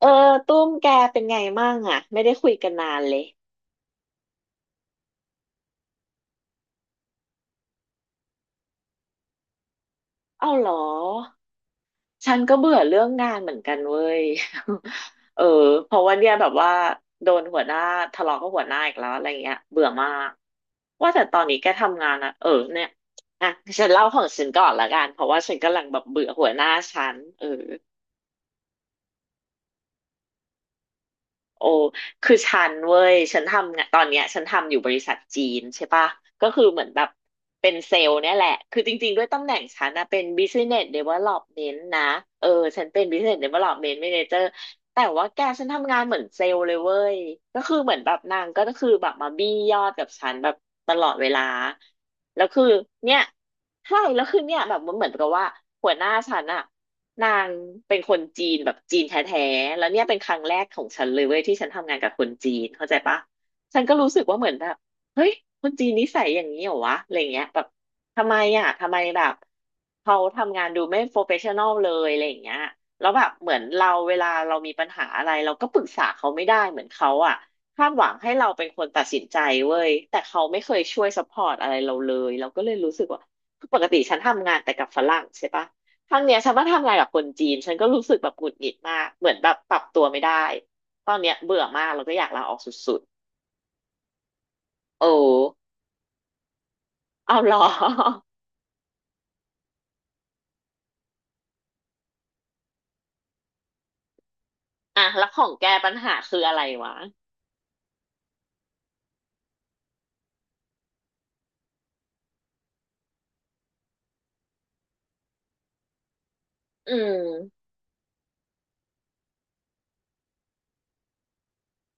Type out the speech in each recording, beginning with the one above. เออตุ้มแกเป็นไงมั่งอ่ะไม่ได้คุยกันนานเลยเอ้าเหรอฉันก็เบื่อเรื่องงานเหมือนกันเว้ย เออเพราะว่าเนี่ยแบบว่าโดนหัวหน้าทะเลาะกับหัวหน้าอีกแล้วอะไรเงี้ยเบื่อมากว่าแต่ตอนนี้แกทำงานอะเออเนี่ยอ่ะฉันเล่าของฉันก่อนละกันเพราะว่าฉันกำลังแบบเบื่อหัวหน้าฉันเออ โอ้คือฉันเว้ยฉันทำงานตอนเนี้ยฉันทำอยู่บริษัทจีนใช่ปะก็คือเหมือนแบบเป็นเซลล์เนี่ยแหละ คือจริงๆด้วยตำแหน่งฉันนะเป็น Business Development นะ เออฉันเป็น Business Development Manager แต่ว่าแกฉันทำงานเหมือนเซลล์เลยเว้ย ก็คือเหมือนแบบนางก็คือแบบมาบี้ยอดกับฉันแบบตลอดเวลา แล้วคือเนี่ยใช่แล้วคือเนี่ยแบบมันเหมือนกับว่าหัวหน้าฉันอะ นางเป็นคนจีนแบบจีนแท้ๆแล้วเนี่ยเป็นครั้งแรกของฉันเลยเว้ยที่ฉันทำงานกับคนจีนเข้าใจปะฉันก็รู้สึกว่าเหมือนแบบเฮ้ยคนจีนนิสัยอย่างนี้เหรอวะอะไรเงี้ยแบบทำไมอ่ะทำไมแบบเขาทำงานดูไม่โปรเฟชชั่นอลเลยอะไรอย่างเงี้ยแล้วแบบเหมือนเราเวลาเรามีปัญหาอะไรเราก็ปรึกษาเขาไม่ได้เหมือนเขาอ่ะคาดหวังให้เราเป็นคนตัดสินใจเว้ยแต่เขาไม่เคยช่วยซัพพอร์ตอะไรเราเลยเราก็เลยรู้สึกว่าปกติฉันทำงานแต่กับฝรั่งใช่ปะ ครั้งเนี้ยฉันว่าทำงานกับคนจีนฉันก็รู้สึกแบบหงุดหงิดมากเหมือนแบบปรับตัวไม่ได้ตอนเนี้ยเบื่อมากแล้วก็อยากลาออกสุดๆโอ้เอาเหรอ อ่ะแล้วของแกปัญหาคืออะไรวะอืม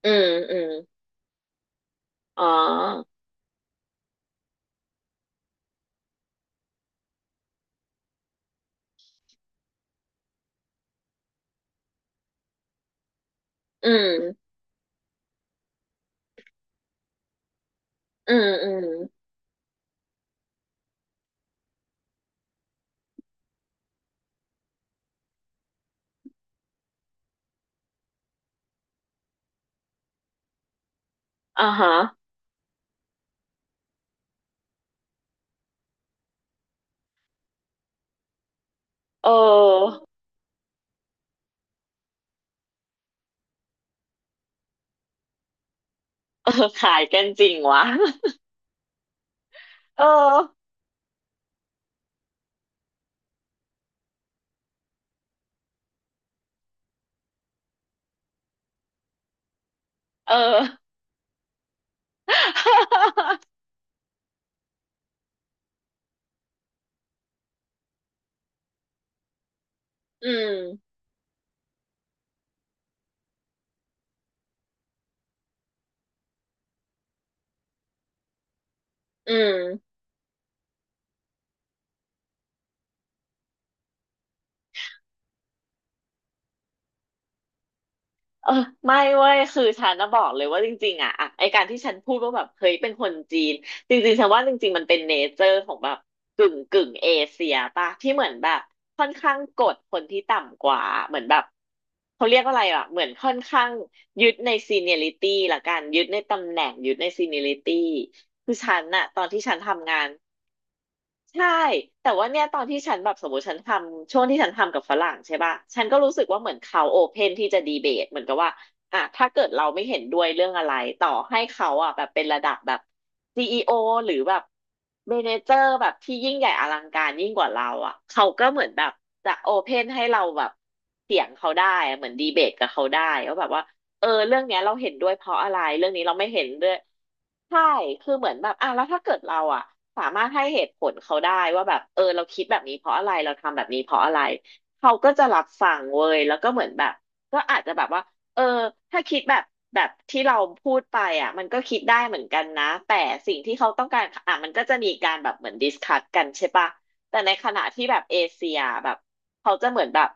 อืมอืมอ๋ออืมอืมอืมอ่าฮะเออเออ ขายกันจริงวะ เออเออ อืมอืม เออไม่เว้ยคือฉันนะบอกเลยว่าจริงๆอ่ะอะไอการที่ฉันพูดว่าแบบเฮ้ยเป็นคนจีนจริงๆฉันว่าจริงๆมันเป็นเนเจอร์ของแบบกึ่งกึ่งเอเชียป่ะที่เหมือนแบบค่อนข้างกดคนที่ต่ำกว่าเหมือนแบบเขาเรียกว่าอะไรอ่ะเหมือนค่อนข้างยึดในซีเนียริตี้ละกันยึดในตำแหน่งยึดในซีเนียริตี้คือฉันน่ะตอนที่ฉันทำงาน ใช่แต่ว่าเนี่ยตอนที่ฉันแบบสมมติฉันทำช่วงที่ฉันทำกับฝรั่งใช่ป่ะฉันก็รู้สึกว่าเหมือนเขาโอเพนที่จะดีเบตเหมือนกับว่าอ่ะถ้าเกิดเราไม่เห็นด้วยเรื่องอะไรต่อให้เขาอ่ะแบบเป็นระดับแบบซีอีโอหรือแบบเมเนเจอร์แบบที่ยิ่งใหญ่อลังการยิ่งกว่าเราอ่ะเขาก็เหมือนแบบจะโอเพนให้เราแบบเถียงเขาได้อะเหมือนดีเบตกับเขาได้ว่าแบบว่า เออเรื่องเนี้ยเราเห็นด้วยเพราะอะไรเรื่องนี้เราไม่เห็นด้วยใช่คือเหมือนแบบอ่ะแล้วถ้าเกิดเราอ่ะสามารถให้เหตุผลเขาได้ว่าแบบเออเราคิดแบบนี้เพราะอะไรเราทำแบบนี้เพราะอะไรเขาก็จะรับฟังเว้ยแล้วก็เหมือนแบบก็อาจจะแบบว่าเออถ้าคิดแบบแบบที่เราพูดไปอ่ะมันก็คิดได้เหมือนกันนะแต่สิ่งที่เขาต้องการอ่ะมันก็จะมีการแบบเหมือนดิสคัสกันใช่ปะ แต่ในขณะที่แบบเอเชียแบบเขาจะเหมือนแบบ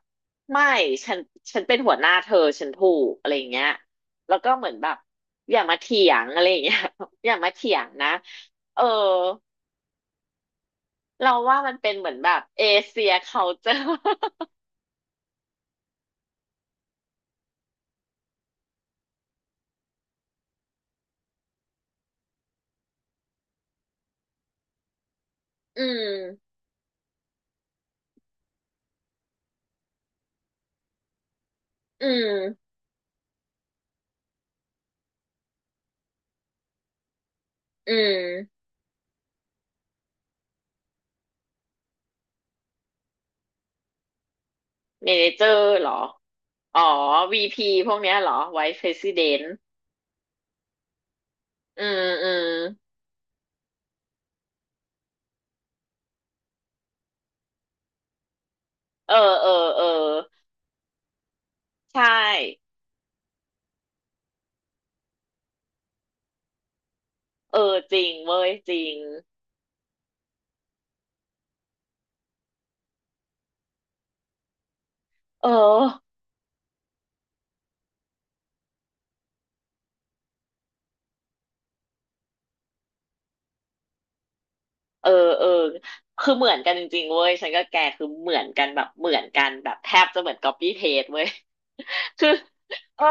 ไม่ฉันฉันเป็นหัวหน้าเธอฉันถูกอะไรอย่างเงี้ยแล้วก็เหมือนแบบอย่ามาเถียงอะไรอย่างเงี้ย อย่ามาเถียงนะเออเราว่ามันเป็นเหมือนแบบเอเชียเขาเจอ อืมอืมอืมเมเนเจอร์เหรออ๋อวีพีพวกเนี้ยเหรอไว e ์ r e s i ิเดน t อืมอืมเออเออเออใช่เออจริงเว้ยจริงเออ เออเออคือเหมือนกันจริงๆเว้ยฉันก็แกคือเหมือนกันแบบเหมือนกันแบบแทบจะเหมือน copy paste เว้ยคือ เออ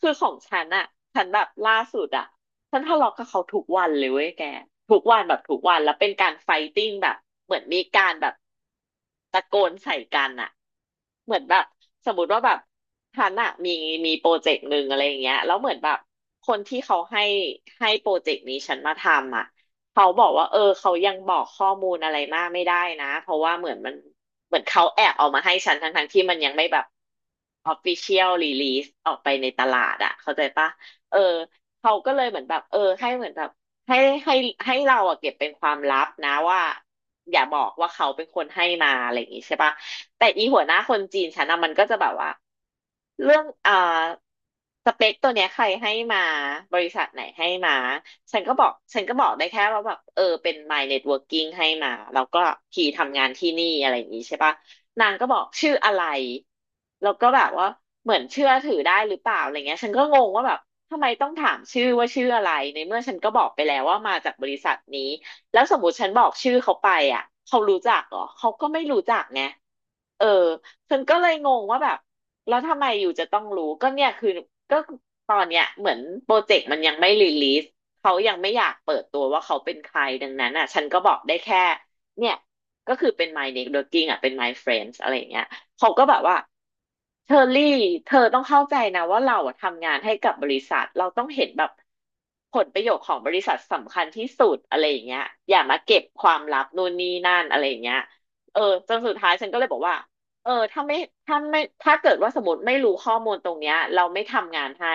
คือของฉันอะฉันแบบล่าสุดอะฉันทะเลาะกับเขาทุกวันเลยเว้ยแกทุกวันแบบทุกวันแล้วเป็นการไฟติ้งแบบเหมือนมีการแบบตะโกนใส่กันอะเหมือนแบบสมมติว่าแบบฉันอะมีโปรเจกต์หนึ่งอะไรอย่างเงี้ยแล้วเหมือนแบบคนที่เขาให้โปรเจกต์นี้ฉันมาทำอะ เขาบอกว่าเขายังบอกข้อมูลอะไรมากไม่ได้นะเพราะว่าเหมือนเขาแอบเอามาให้ฉันทั้งที่มันยังไม่แบบ official release ออกไปในตลาดอะเข้าใจปะเออเขาก็เลยเหมือนแบบเออให้เหมือนแบบ ให้ให้ให้เราอะเก็บเป็นความลับนะว่าอย่าบอกว่าเขาเป็นคนให้มาอะไรอย่างงี้ใช่ปะแต่อีหัวหน้าคนจีนฉันอะมันก็จะแบบว่าเรื่องสเปคตัวเนี้ยใครให้มาบริษัทไหนให้มาฉันก็บอกได้แค่ว่าแบบเออเป็น my networking ให้มาแล้วก็พีทำงานที่นี่อะไรอย่างงี้ใช่ปะนางก็บอกชื่ออะไรแล้วก็แบบว่าเหมือนเชื่อถือได้หรือเปล่าอะไรเงี้ยฉันก็งงว่าแบบ ทำไมต้องถามชื่อว่าชื่ออะไรในเมื่อฉันก็บอกไปแล้วว่ามาจากบริษัทนี้แล้วสมมติฉันบอกชื่อเขาไปอ่ะเขารู้จักเหรอเขาก็ไม่รู้จักไงเออฉันก็เลยงงว่าแบบแล้วทำไมอยู่จะต้องรู้ก็เนี่ยคือก็ตอนเนี้ยเหมือนโปรเจกต์มันยังไม่รีลีสเขายังไม่อยากเปิดตัวว่าเขาเป็นใครดังนั้นอ่ะฉันก็บอกได้แค่เนี่ยก็คือเป็น my networking อ่ะเป็น my friends อะไรอย่างเงี้ย เขาก็แบบว่าเชอรี่เธอต้องเข้าใจนะว่าเราอะทำงานให้กับบริษัทเราต้องเห็นแบบผลประโยชน์ของบริษัทสำคัญที่สุดอะไรอย่างเงี้ยอย่ามาเก็บความลับนู่นนี่นั่นอะไรอย่างเงี้ยเออจนสุดท้ายฉันก็เลยบอกว่าเออถ้าเกิดว่าสมมติไม่รู้ข้อมูลตรงเนี้ยเราไม่ทำงานให้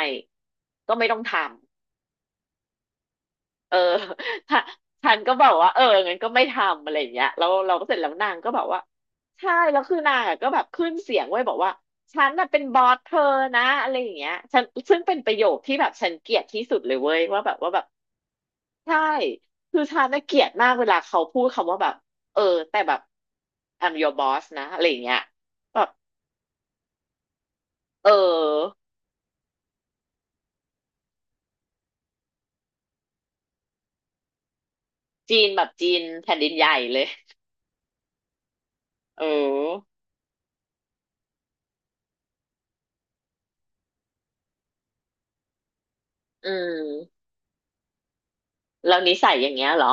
ก็ไม่ต้องทำ เออ ทะฉันก็บอกว่าเอองั้นก็ไม่ทำอะไรอย่างเงี้ยแล้วเราก็เสร็จแล้วนางก็บอกว่าใช่แล้วคือนางอะก็แบบขึ้นเสียงไว้ยบอกว่าฉันน่ะเป็นบอสเธอนะอะไรอย่างเงี้ยฉันซึ่งเป็นประโยคที่แบบฉันเกลียดที่สุดเลยเว้ยว่าแบบใช่คือฉันน่ะเกลียดมากเวลาเขาพูดคำว่าแบบเออแต่แบบ I'm your boss นะอะไรอย่างเงี้ยแบบเออจีนแบบจีนแผ่นดินใหญ่เลยเอออืมแล้วนิสัยอย่างเงี้ยเหรอ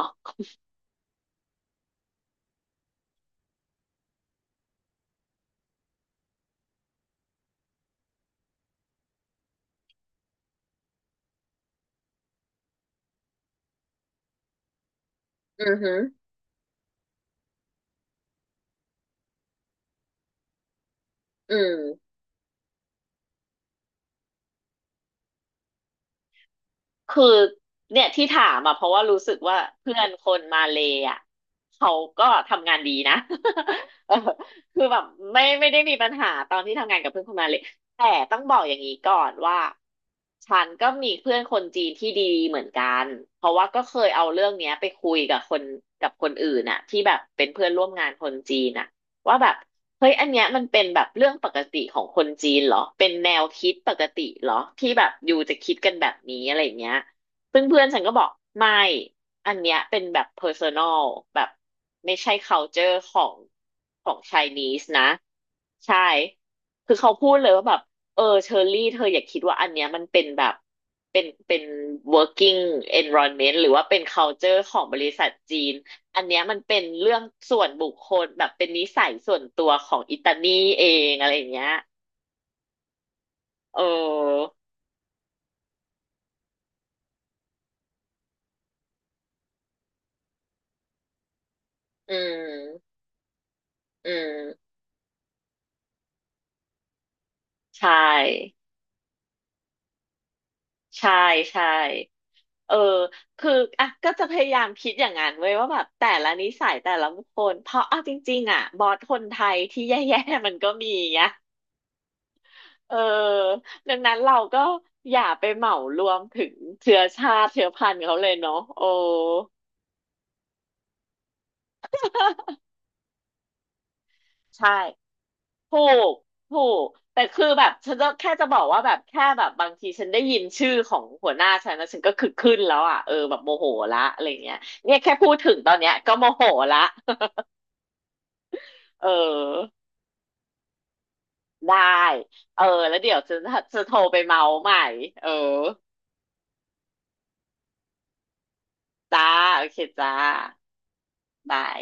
อือหืออืม คือเนี่ยที่ถามอ่ะเพราะว่ารู้สึกว่าเพื่อนคนมาเลย์อ่ะเขาก็ทำงานดีนะ เออคือแบบไม่ได้มีปัญหาตอนที่ทำงานกับเพื่อนคนมาเลย์แต่ต้องบอกอย่างนี้ก่อนว่าฉันก็มีเพื่อนคนจีนที่ดีเหมือนกันเพราะว่าก็เคยเอาเรื่องเนี้ยไปคุยกับคนกับคนอื่นอ่ะที่แบบเป็นเพื่อนร่วมงานคนจีนอ่ะ ว่าแบบเฮ้ยอันเนี้ยมันเป็นแบบเรื่องปกติของคนจีนเหรอเป็นแนวคิดปกติเหรอที่แบบอยู่จะคิดกันแบบนี้อะไรอย่างเงี้ยเพื่อนเพื่อนฉันก็บอกไม่อันเนี้ยเป็นแบบ personal แบบไม่ใช่ culture ของChinese นะใช่คือเขาพูดเลยว่าแบบเออเชอรี่เธออย่าคิดว่าอันเนี้ยมันเป็นแบบเป็น working environment หรือว่าเป็น culture ของบริษัทจีน อันเนี้ยมันเป็นเรื่องส่วนบุคคลแบบเป็นนิสัยส่วนตัวของอิตาลีเองอะไรอย่างเงี้ยเอออืมอืมใช่ใช่ใช่เออคืออ่ะก็จะพยายามคิดอย่างนั้นเว้ยว่าแบบแต่ละนิสัยแต่ละบุคคลเพราะเอาจริงๆอ่ะบอสคนไทยที่แย่ๆมันก็มีนะเออดังนั้นเราก็อย่าไปเหมารวมถึงเชื้อชาติเชื้อพันธุ์เขาเลยเนาะโอ้ใช่ ถูกถูกแต่คือแบบฉันจะแค่จะบอกว่าแบบแค่แบบบางทีฉันได้ยินชื่อของหัวหน้าฉันนะฉันก็คือขึ้นแล้วอ่ะเออแบบโมโหละอะไรเงี้ยเนี่ยแค่พูดถึงตอนเนี้ยก็โมโหละ เออได้เออแล้วเดี๋ยวจะโทรไปเมาใหม่เออจ้าโอเคจ้าบาย